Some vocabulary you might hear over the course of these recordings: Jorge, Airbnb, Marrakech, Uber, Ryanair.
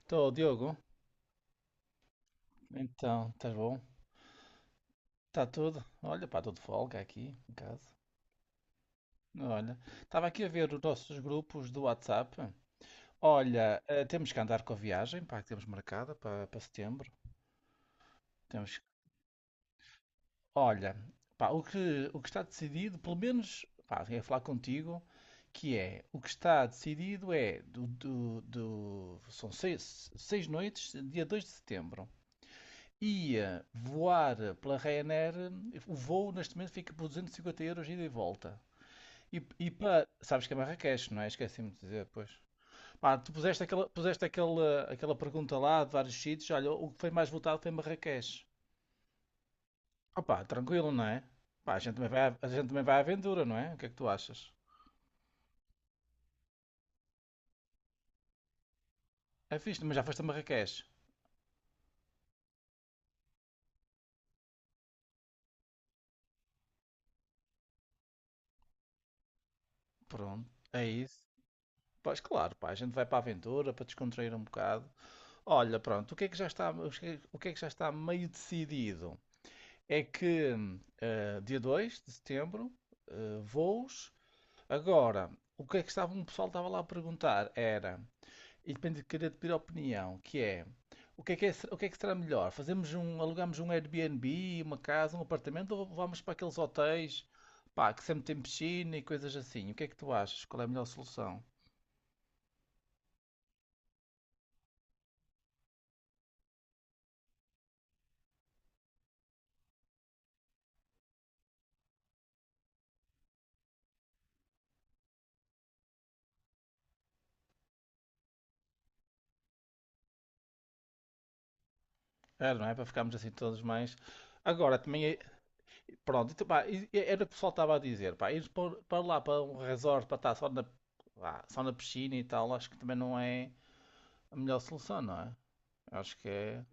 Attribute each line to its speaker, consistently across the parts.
Speaker 1: Estou, Diogo. Então, estás bom? Está tudo? Olha, pá, estou de folga aqui em casa. Olha, estava aqui a ver os nossos grupos do WhatsApp. Olha, temos que andar com a viagem, pá, que temos marcada para setembro. Temos que- Olha, pá, o que está decidido, pelo menos, pá, ia falar contigo, que é, o que está decidido é, são seis noites, dia 2 de setembro. Ia voar pela Ryanair, o voo neste momento fica por 250 € ida e volta. E para. Sabes que é Marrakech, não é? Esqueci-me de dizer depois. Pá, tu puseste aquela pergunta lá de vários sítios. Olha, o que foi mais votado foi Marrakech. Opá, tranquilo, não é? Pá, a gente também vai à aventura, não é? O que é que tu achas? É fixe, mas já foste a Marrakech. Pronto, é isso. Pois claro, pá, a gente vai para a aventura para descontrair um bocado. Olha, pronto, o que é que já está, o que é que já está meio decidido? É que dia 2 de setembro, voos. Agora, o que é que estava, o pessoal estava lá a perguntar era, e depende de querer pedir opinião, que é, o que é que será melhor? Alugamos um Airbnb, uma casa, um apartamento ou vamos para aqueles hotéis, pá, que sempre tem piscina e coisas assim? O que é que tu achas? Qual é a melhor solução? Era, não é? Para ficarmos assim todos mais. Agora, também é. Pronto, então, pá, e era o que o pessoal estava a dizer, pá, ir para lá, para um resort, para estar só na piscina e tal, acho que também não é a melhor solução, não é? Acho que é.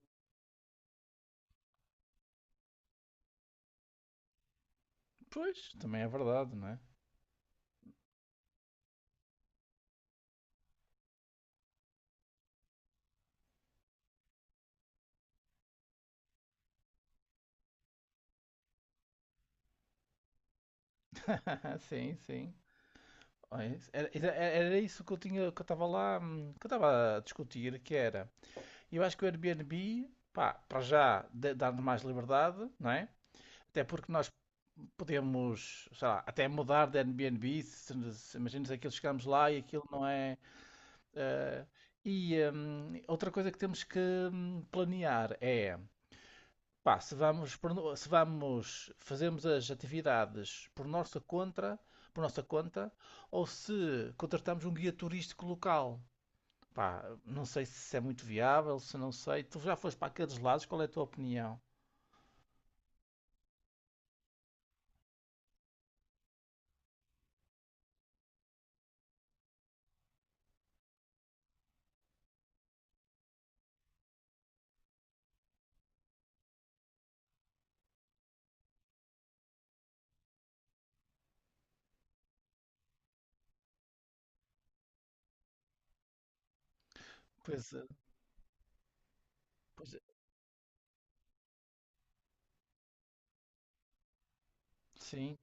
Speaker 1: Pois, também é verdade, não é? Sim, sim. Olha, era isso que eu tinha, que eu estava lá, que eu estava a discutir, que era. Eu acho que o Airbnb, pá, para já dá-nos mais liberdade, não é? Até porque nós podemos, sei lá, até mudar de Airbnb, se, imagina se aquilo chegamos lá e aquilo não é. Eh, e outra coisa que temos que planear é, pá, se vamos, fazemos as atividades por nossa conta, ou se contratamos um guia turístico local. Pá, não sei se isso é muito viável, se não sei. Tu já foste para aqueles lados, qual é a tua opinião? Pois, é, pois é. Sim,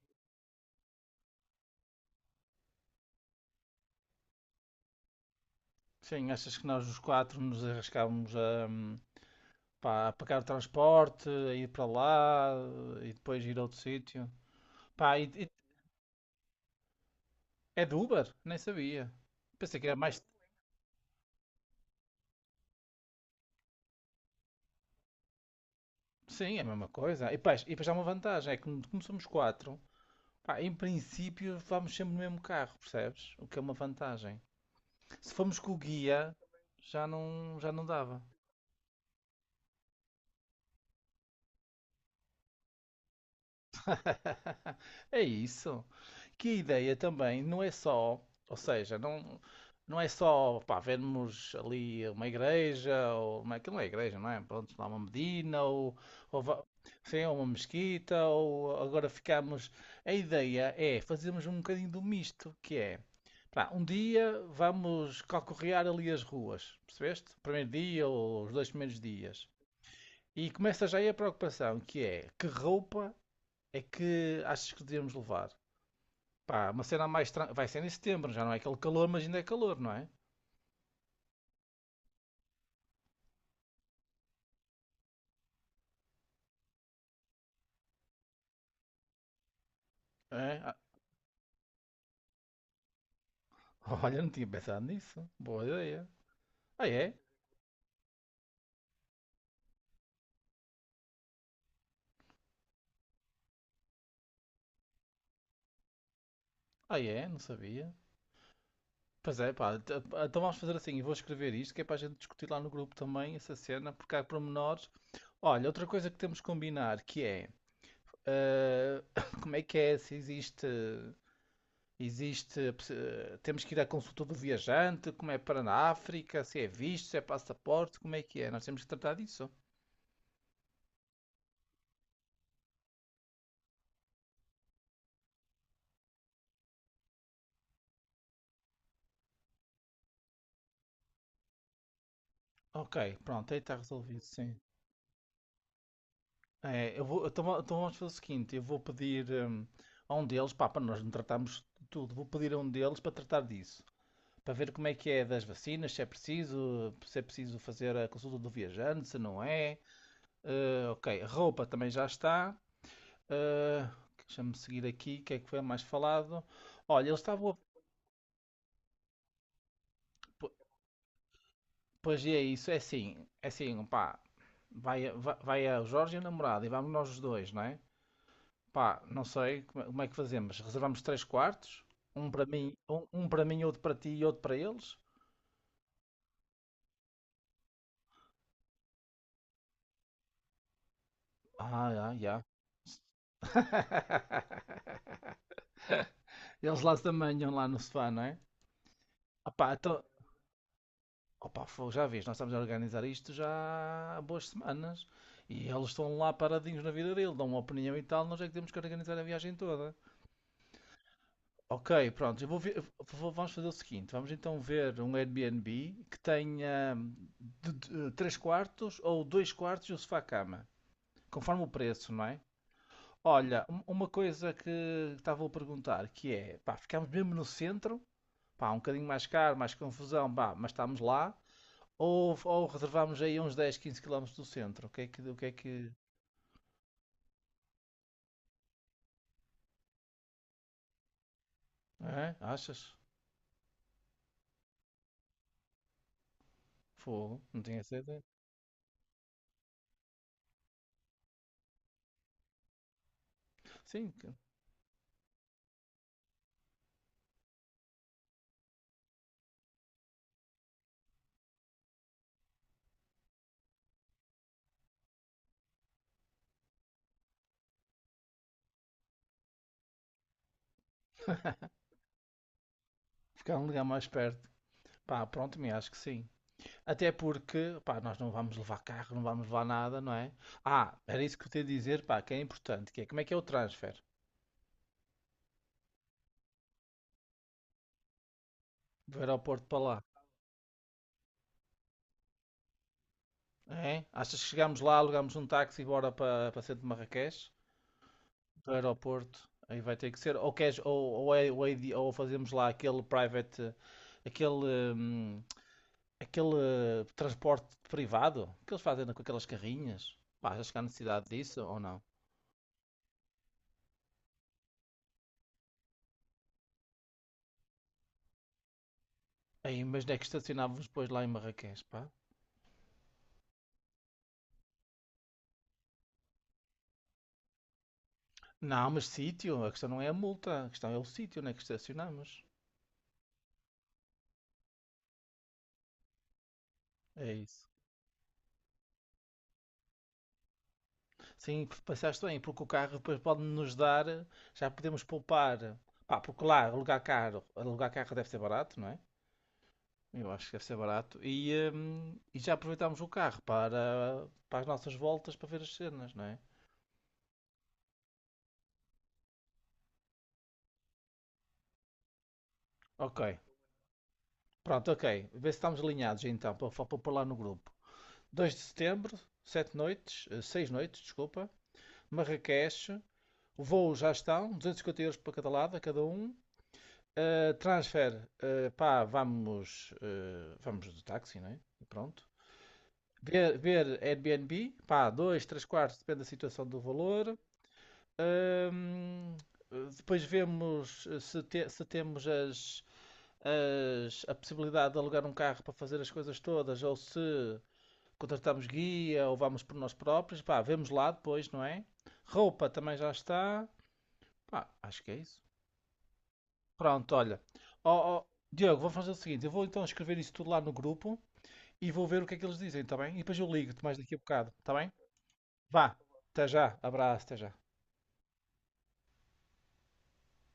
Speaker 1: sim, achas que nós os quatro nos arriscávamos a, pá, a pagar o transporte, a ir para lá e depois ir a outro sítio? Pá, É do Uber? Nem sabia. Pensei que era mais. Sim, é a mesma coisa. E depois há uma vantagem: é que como somos quatro, pá, em princípio vamos sempre no mesmo carro, percebes? O que é uma vantagem. Se formos com o guia, já não dava. É isso. Que a ideia também não é só, ou seja, não, não é só pá, vermos ali uma igreja, ou uma, aquilo não é igreja, não é? Pronto, lá uma medina, ou va- sim, ou uma mesquita, ou agora ficamos. A ideia é fazermos um bocadinho do misto, que é pá, um dia vamos calcorrear ali as ruas, percebeste? Primeiro dia ou os dois primeiros dias. E começa já aí a preocupação, que é que roupa é que achas que devemos levar? Pá, uma cena mais. Vai ser em setembro, já não é aquele calor, mas ainda é calor, não é? É? Ah, olha, não tinha pensado nisso. Boa ideia. Ah, é? Ah, é? Não sabia. Pois é, pá. Então vamos fazer assim. Eu vou escrever isto, que é para a gente discutir lá no grupo também essa cena, porque há pormenores. Olha, outra coisa que temos que combinar que é. eh, Como é que é? Se existe. Existe. Temos que ir à consulta do viajante, como é para na África, se é visto, se é passaporte, como é que é? Nós temos que tratar disso. Ok, pronto, aí está resolvido, sim. É, eu vou, então, va- então vamos fazer o seguinte, eu vou pedir a um deles, pá, para nós não tratarmos de tudo, vou pedir a um deles para tratar disso, para ver como é que é das vacinas, se é preciso fazer a consulta do viajante, se não é. Ok, a roupa também já está. Eh, deixa-me seguir aqui, o que é que foi mais falado? Olha, eles estavam... po- Pois é isso, é assim, pá, vai o Jorge e a namorada e vamos nós os dois, não é? Pá, não sei como é que fazemos. Reservamos três quartos? Um para mim, outro para ti e outro para eles? Ah, ah, já. Eles lá se amanham lá no sofá, não é? Ah pá, então. Opa, fogo, já vês, nós estamos a organizar isto já há boas semanas. E eles estão lá paradinhos na vida dele, dão uma opinião e tal, nós é que temos que organizar a viagem toda. Ok, pronto, eu vou ver- eu vou- vamos fazer o seguinte, vamos então ver um Airbnb que tenha três quartos ou dois quartos e um sofá-cama. Conforme o preço, não é? Olha, uma coisa que estava a perguntar, que é, pá, ficámos mesmo no centro, pá, um bocadinho mais caro, mais confusão, pá, mas estamos lá, ou reservámos aí uns 10, 15 quilómetros do centro, o que é que? É? Achas? Fogo, não tinha essa ideia. Sim, ficar um lugar mais perto, pá, pronto, me acho que sim. Até porque, pá, nós não vamos levar carro, não vamos levar nada, não é? Ah, era isso que eu te ia dizer, pá, que é importante, que é como é que é o transfer do aeroporto para lá? É? Achas que chegamos lá, alugamos um táxi e bora para, para centro de Marrakech? Para o aeroporto? Aí vai ter que ser. Ou, queres, ou, é de- ou fazemos lá aquele private. Aquele. hum, aquele Transporte privado que eles fazem com aquelas carrinhas. Pá, achas que há necessidade disso ou não? Aí, mas onde é que estacionávamos depois lá em Marrakech, pá? Não, mas sítio. A questão não é a multa. A questão é o sítio onde é que estacionamos. É isso. Sim, pensaste bem, porque o carro depois pode nos dar, já podemos poupar. Pá, porque lá alugar carro deve ser barato, não é? Eu acho que deve ser barato. E já aproveitámos o carro para as nossas voltas para ver as cenas, não é? Ok, pronto, ok. Vê se estamos alinhados então, para pôr lá no grupo. Dois de setembro, 7 noites, 6 noites, desculpa. Marrakech, o voo já estão, 250 € para cada lado, a cada um. Ah, transfer, ah, pá, vamos do táxi, né? E pronto. Ver Airbnb, pá, dois, três quartos, depende da situação do valor. Ahm, depois vemos se temos a possibilidade de alugar um carro para fazer as coisas todas, ou se contratamos guia, ou vamos por nós próprios, pá, vemos lá depois, não é? Roupa também já está. Pá, acho que é isso. Pronto, olha. Ó, ó, Diogo, vou fazer o seguinte: eu vou então escrever isso tudo lá no grupo e vou ver o que é que eles dizem, tá bem? E depois eu ligo-te mais daqui a bocado, tá bem? Vá, até já, abraço, até já.